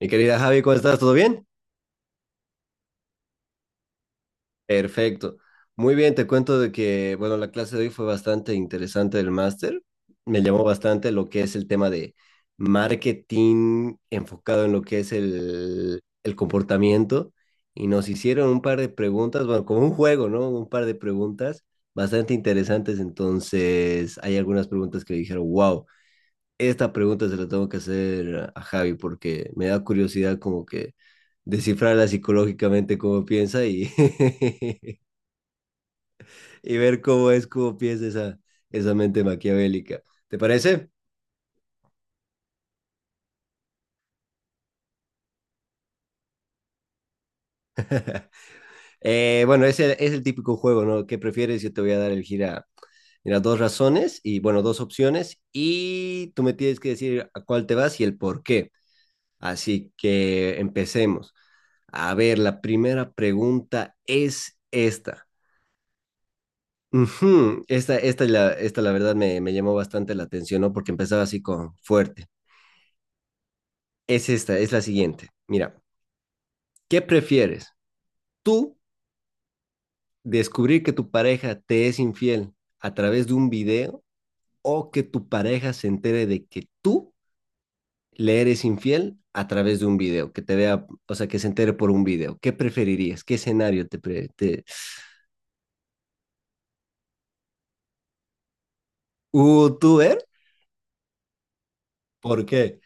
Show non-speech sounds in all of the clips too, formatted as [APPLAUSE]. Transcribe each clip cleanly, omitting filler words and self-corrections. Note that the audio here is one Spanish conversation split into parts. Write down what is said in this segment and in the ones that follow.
Mi querida Javi, ¿cómo estás? ¿Todo bien? Perfecto. Muy bien, te cuento de que, bueno, la clase de hoy fue bastante interesante del máster. Me llamó bastante lo que es el tema de marketing enfocado en lo que es el comportamiento. Y nos hicieron un par de preguntas, bueno, como un juego, ¿no? Un par de preguntas bastante interesantes. Entonces, hay algunas preguntas que dijeron, wow. Esta pregunta se la tengo que hacer a Javi porque me da curiosidad como que descifrarla psicológicamente cómo piensa [LAUGHS] y ver cómo es, cómo piensa esa mente maquiavélica. ¿Te parece? Bueno, es el típico juego, ¿no? ¿Qué prefieres? Yo te voy a dar el gira. Mira, dos razones y, bueno, dos opciones y tú me tienes que decir a cuál te vas y el por qué. Así que empecemos. A ver, la primera pregunta es esta. Ujú. Esta la verdad me llamó bastante la atención, ¿no? Porque empezaba así con fuerte. Es esta, es la siguiente. Mira, ¿qué prefieres? ¿Tú descubrir que tu pareja te es infiel a través de un video o que tu pareja se entere de que tú le eres infiel a través de un video? Que te vea, o sea, que se entere por un video. ¿Qué preferirías? ¿Qué escenario te— ¿Tú ver? ¿Por qué?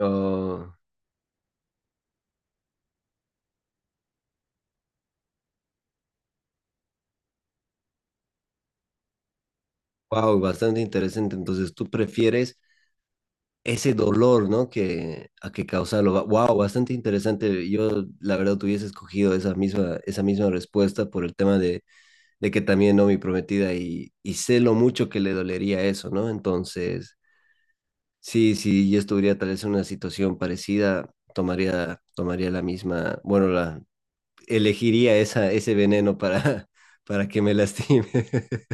Oh, wow, bastante interesante. Entonces, ¿tú prefieres ese dolor? ¿No? Que, a que causarlo. Wow, bastante interesante. Yo, la verdad, tuviese escogido esa misma respuesta por el tema de, que también, ¿no? Mi prometida, y sé lo mucho que le dolería eso, ¿no? Entonces, sí, sí, yo estuviera tal vez en una situación parecida, tomaría la misma, bueno, elegiría ese veneno [LAUGHS] para que me lastime. [LAUGHS]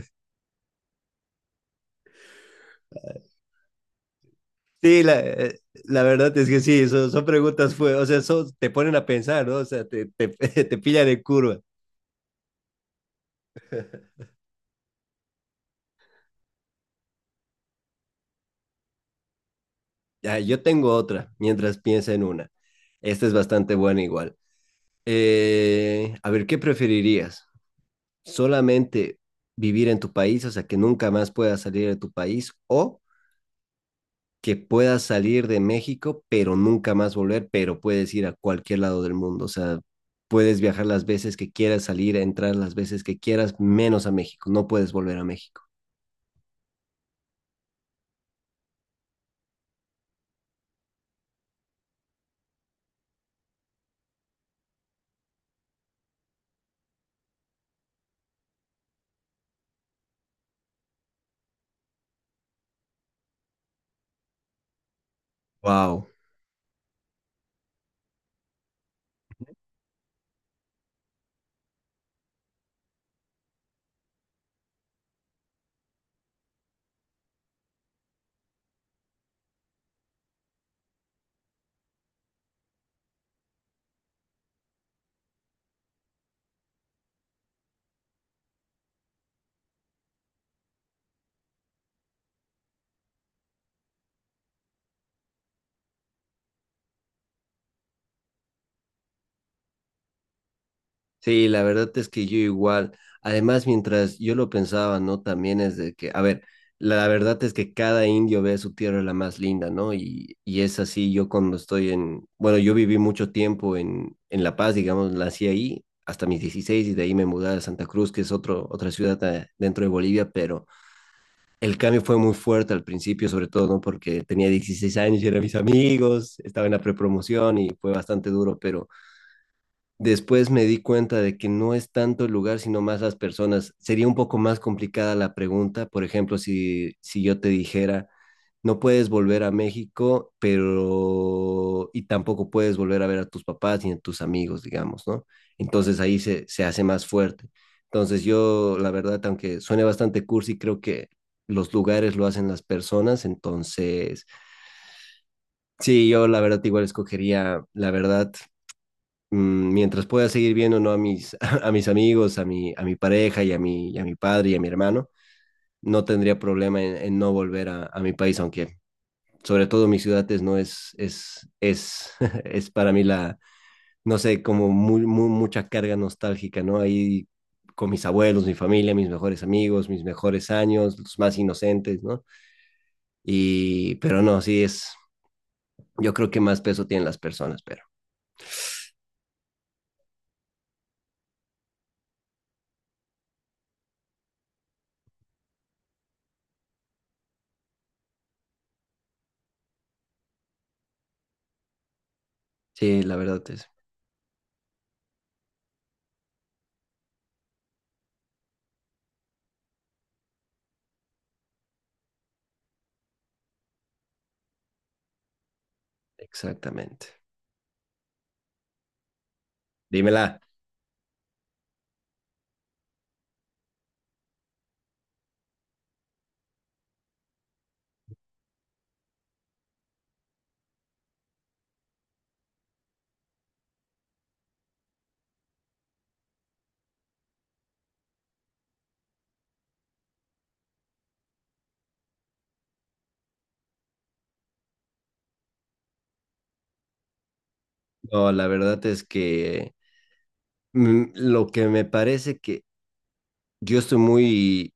Sí, la verdad es que sí, son preguntas, o sea, te ponen a pensar, ¿no? O sea, [LAUGHS] te pillan en curva. Ya, yo tengo otra, mientras piensa en una. Esta es bastante buena igual. A ver, ¿qué preferirías? ¿Solamente vivir en tu país, o sea, que nunca más puedas salir de tu país, o que puedas salir de México, pero nunca más volver, pero puedes ir a cualquier lado del mundo? O sea, puedes viajar las veces que quieras, salir, entrar las veces que quieras, menos a México. No puedes volver a México. Wow. Sí, la verdad es que yo igual, además mientras yo lo pensaba, ¿no? También es de que, a ver, la verdad es que cada indio ve a su tierra la más linda, ¿no? Y es así, yo cuando estoy bueno, yo viví mucho tiempo en, La Paz, digamos, nací ahí hasta mis 16 y de ahí me mudé a Santa Cruz, que es otra ciudad, dentro de Bolivia, pero el cambio fue muy fuerte al principio, sobre todo, ¿no? Porque tenía 16 años y eran mis amigos, estaba en la prepromoción y fue bastante duro, pero— Después me di cuenta de que no es tanto el lugar, sino más las personas. Sería un poco más complicada la pregunta. Por ejemplo, si yo te dijera, no puedes volver a México, pero y tampoco puedes volver a ver a tus papás ni a tus amigos, digamos, ¿no? Entonces ahí se hace más fuerte. Entonces yo, la verdad, aunque suene bastante cursi, creo que los lugares lo hacen las personas. Entonces, sí, yo la verdad igual escogería, la verdad, mientras pueda seguir viendo, ¿no?, [LAUGHS] a mis amigos, a mi pareja y a mi padre y a mi hermano, no tendría problema en, no volver a mi país, aunque sobre todo mi ciudad es, no es, [LAUGHS] es para mí la, no sé, como muy, muy, mucha carga nostálgica, ¿no? Ahí con mis abuelos, mi familia, mis mejores amigos, mis mejores años, los más inocentes, ¿no? Pero no, sí es, yo creo que más peso tienen las personas, pero sí, la verdad es, exactamente. Dímela. No, la verdad es que lo que me parece que yo estoy muy,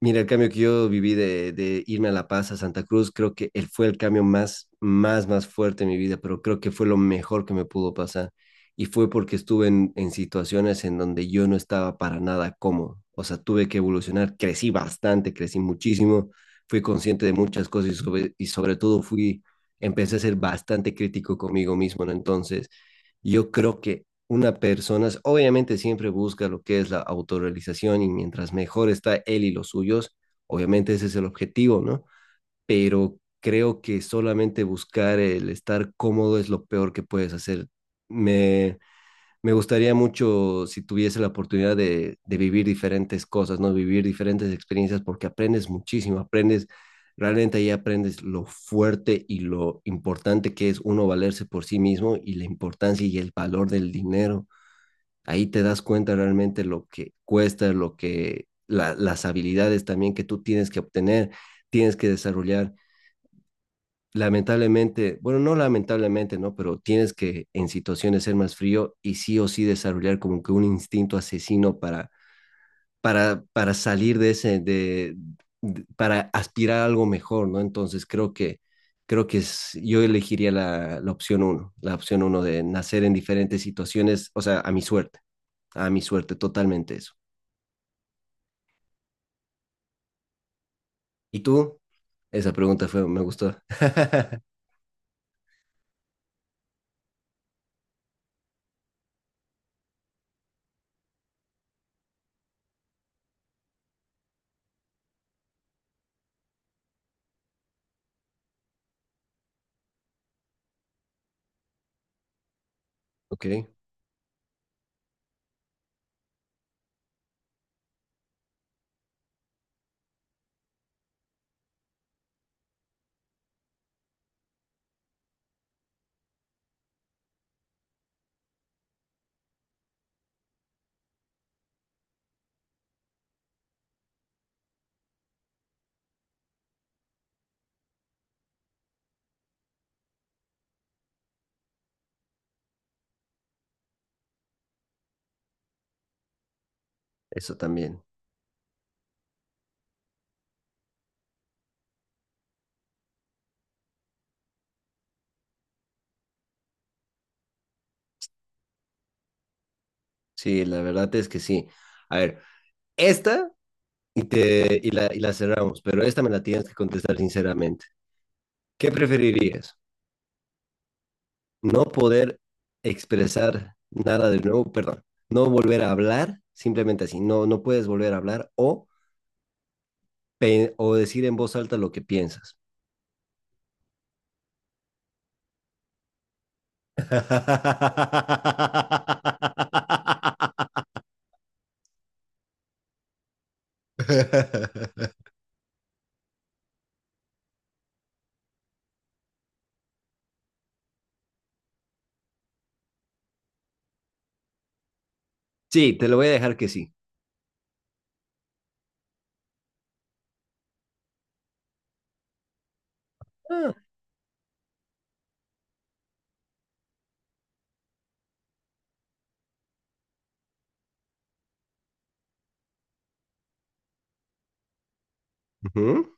mira, el cambio que yo viví de irme a La Paz, a Santa Cruz, creo que él fue el cambio más fuerte en mi vida, pero creo que fue lo mejor que me pudo pasar. Y fue porque estuve en situaciones en donde yo no estaba para nada cómodo. O sea, tuve que evolucionar, crecí bastante, crecí muchísimo, fui consciente de muchas cosas y sobre todo empecé a ser bastante crítico conmigo mismo, ¿no? Entonces, yo creo que una persona obviamente siempre busca lo que es la autorrealización y mientras mejor está él y los suyos, obviamente ese es el objetivo, ¿no? Pero creo que solamente buscar el estar cómodo es lo peor que puedes hacer. Me, me gustaría mucho si tuviese la oportunidad de vivir diferentes cosas, ¿no? Vivir diferentes experiencias porque aprendes muchísimo, realmente ahí aprendes lo fuerte y lo importante que es uno valerse por sí mismo y la importancia y el valor del dinero. Ahí te das cuenta realmente lo que cuesta, las habilidades también que tú tienes que obtener, tienes que desarrollar, lamentablemente, bueno, no lamentablemente, ¿no? Pero tienes que en situaciones ser más frío y sí o sí desarrollar como que un instinto asesino para, salir de ese, para aspirar a algo mejor, ¿no? Entonces creo que yo elegiría la opción uno, la opción uno de nacer en diferentes situaciones, o sea, a mi suerte, totalmente eso. ¿Y tú? Esa pregunta fue, me gustó. [LAUGHS] Ok, eso también. Sí, la verdad es que sí. A ver. Esta y la cerramos, pero esta me la tienes que contestar sinceramente. ¿Qué preferirías? ¿No poder expresar nada de nuevo? Perdón, no volver a hablar, simplemente así, no puedes volver a hablar, o, o decir en voz alta lo que piensas. [LAUGHS] Sí, te lo voy a dejar que sí. Ah. Ujú.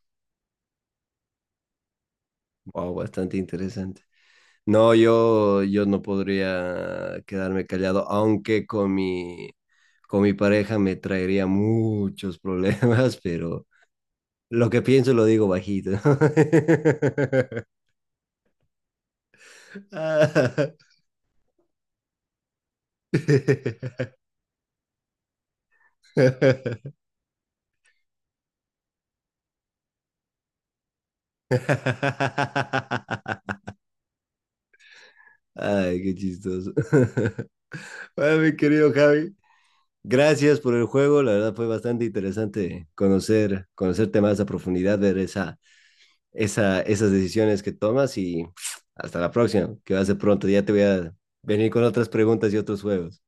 Wow, bastante interesante. No, yo no podría quedarme callado, aunque con mi pareja me traería muchos problemas, [LAUGHS] pero lo que pienso lo digo bajito. [LAUGHS] Ah. [LAUGHS] Ay, qué chistoso. [LAUGHS] Bueno, mi querido Javi, gracias por el juego. La verdad fue bastante interesante conocer, conocerte más a profundidad, ver esa, esas decisiones que tomas, y hasta la próxima, que va a ser pronto. Ya te voy a venir con otras preguntas y otros juegos.